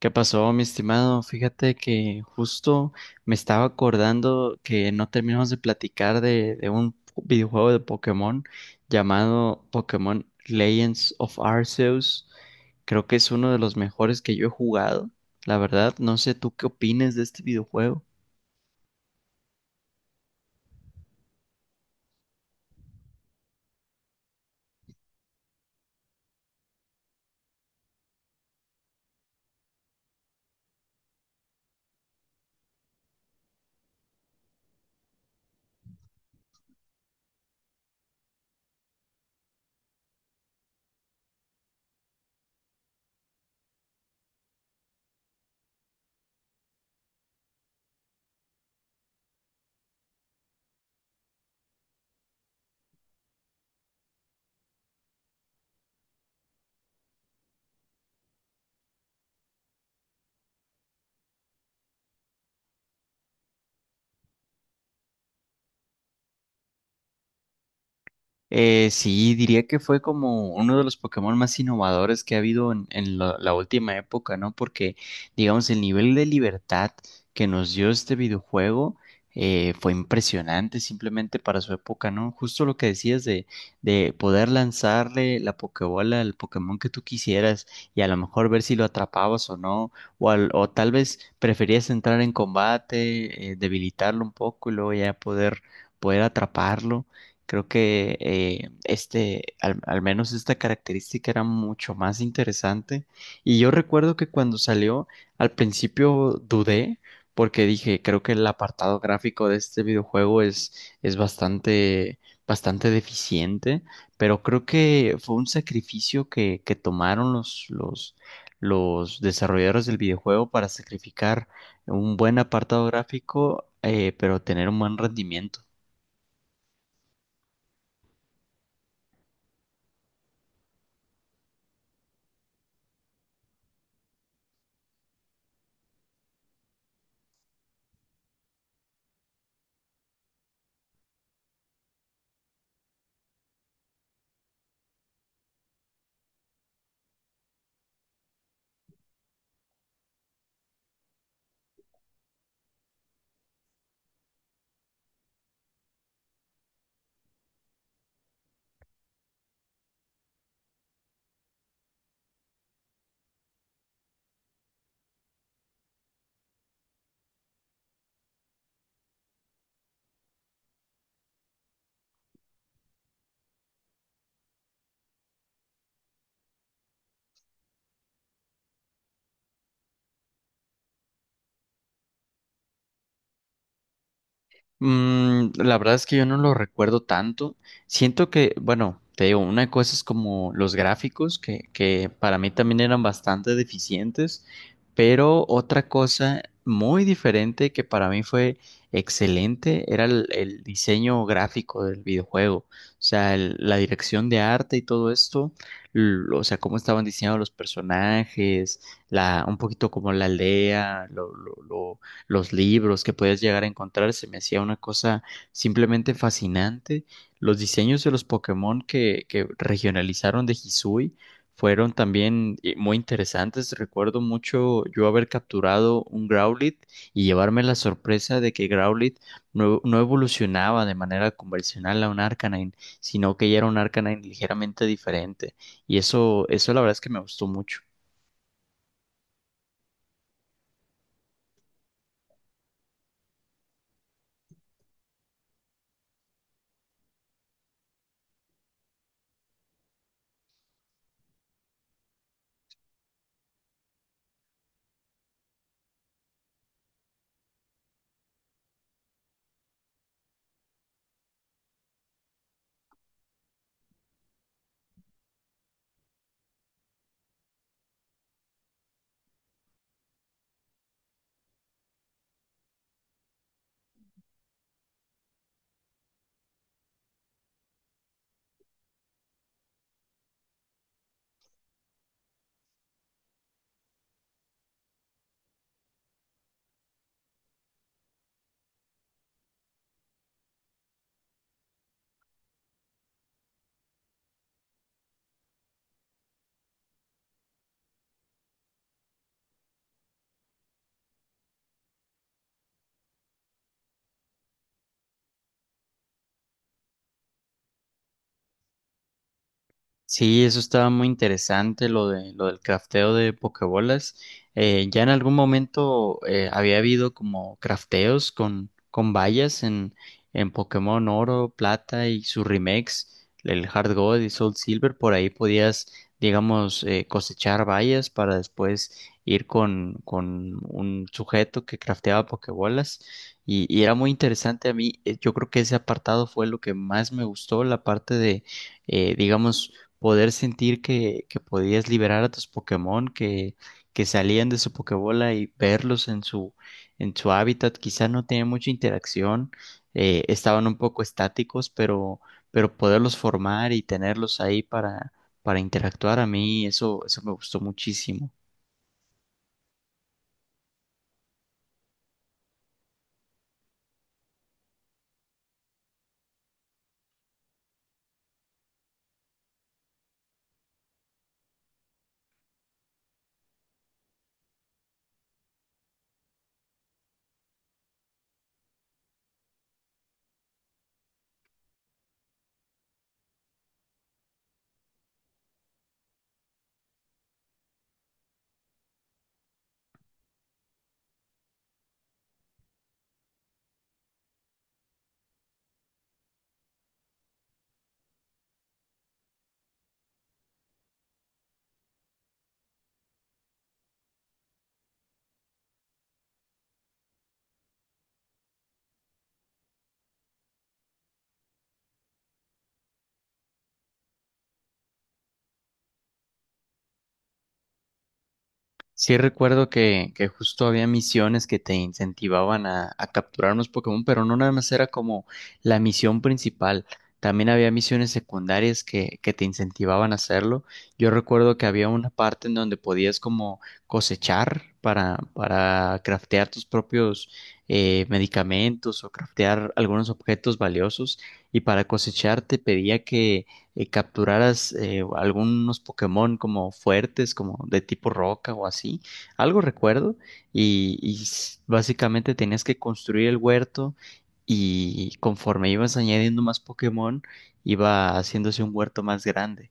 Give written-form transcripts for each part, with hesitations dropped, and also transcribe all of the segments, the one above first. ¿Qué pasó, mi estimado? Fíjate que justo me estaba acordando que no terminamos de platicar de un videojuego de Pokémon llamado Pokémon Legends of Arceus. Creo que es uno de los mejores que yo he jugado. La verdad, no sé tú qué opines de este videojuego. Sí, diría que fue como uno de los Pokémon más innovadores que ha habido en la última época, ¿no? Porque, digamos, el nivel de libertad que nos dio este videojuego fue impresionante simplemente para su época, ¿no? Justo lo que decías de poder lanzarle la Pokébola al Pokémon que tú quisieras y a lo mejor ver si lo atrapabas o no, o tal vez preferías entrar en combate, debilitarlo un poco y luego ya poder atraparlo. Creo que al menos esta característica era mucho más interesante. Y yo recuerdo que cuando salió, al principio dudé, porque dije, creo que el apartado gráfico de este videojuego es bastante, bastante deficiente, pero creo que fue un sacrificio que tomaron los desarrolladores del videojuego para sacrificar un buen apartado gráfico, pero tener un buen rendimiento. Mm, la verdad es que yo no lo recuerdo tanto. Siento que, bueno, te digo, una cosa es como los gráficos, que para mí también eran bastante deficientes, pero otra cosa muy diferente que para mí fue excelente era el diseño gráfico del videojuego. O sea, la dirección de arte y todo esto, o sea, cómo estaban diseñados los personajes, un poquito como la aldea, lo los libros que podías llegar a encontrar, se me hacía una cosa simplemente fascinante. Los diseños de los Pokémon que regionalizaron de Hisui fueron también muy interesantes. Recuerdo mucho yo haber capturado un Growlithe y llevarme la sorpresa de que Growlithe no evolucionaba de manera convencional a un Arcanine, sino que ya era un Arcanine ligeramente diferente. Y eso la verdad es que me gustó mucho. Sí, eso estaba muy interesante, lo de lo del crafteo de pokebolas. Ya en algún momento había habido como crafteos con vallas en Pokémon Oro, Plata y sus remakes, el Hard Gold y Soul Silver. Por ahí podías, digamos, cosechar vallas para después ir con un sujeto que crafteaba pokebolas. Y era muy interesante a mí. Yo creo que ese apartado fue lo que más me gustó, la parte de digamos, poder sentir que podías liberar a tus Pokémon que salían de su Pokébola y verlos en su hábitat. Quizá no tenían mucha interacción, estaban un poco estáticos, pero poderlos formar y tenerlos ahí para interactuar a mí, eso me gustó muchísimo. Sí recuerdo que justo había misiones que te incentivaban a capturar unos Pokémon, pero no nada más era como la misión principal. También había misiones secundarias que te incentivaban a hacerlo. Yo recuerdo que había una parte en donde podías como cosechar para craftear tus propios medicamentos o craftear algunos objetos valiosos. Y para cosechar te pedía que capturaras algunos Pokémon como fuertes, como de tipo roca o así, algo recuerdo, y, básicamente tenías que construir el huerto y conforme ibas añadiendo más Pokémon, iba haciéndose un huerto más grande.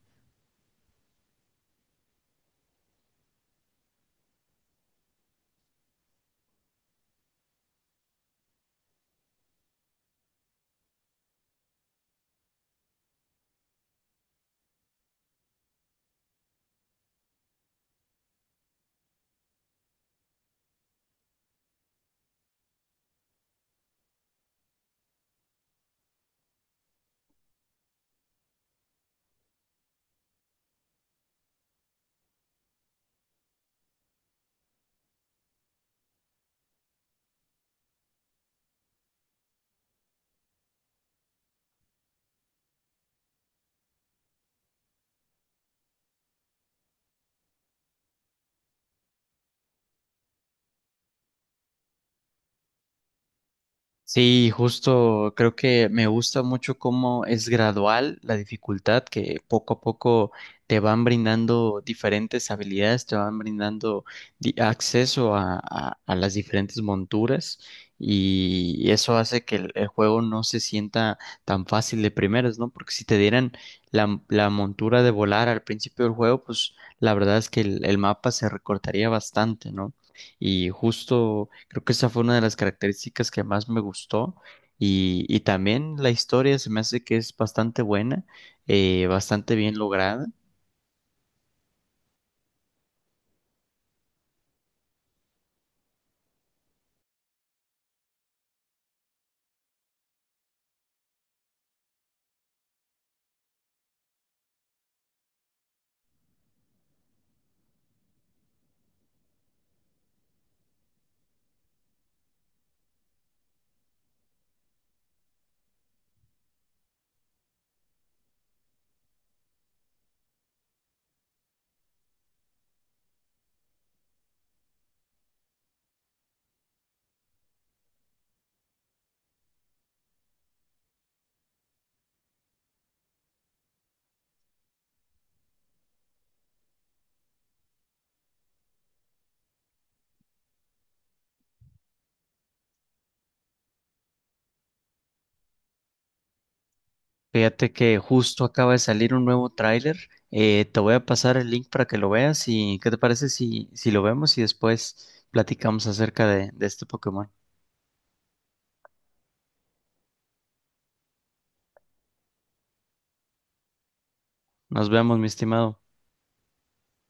Sí, justo creo que me gusta mucho cómo es gradual la dificultad, que poco a poco te van brindando diferentes habilidades, te van brindando acceso a, a las diferentes monturas y eso hace que el juego no se sienta tan fácil de primeras, ¿no? Porque si te dieran la montura de volar al principio del juego, pues la verdad es que el mapa se recortaría bastante, ¿no? Y justo creo que esa fue una de las características que más me gustó. Y también la historia se me hace que es bastante buena, bastante bien lograda. Fíjate que justo acaba de salir un nuevo tráiler. Te voy a pasar el link para que lo veas y ¿qué te parece si, si lo vemos y después platicamos acerca de este Pokémon? Nos vemos, mi estimado.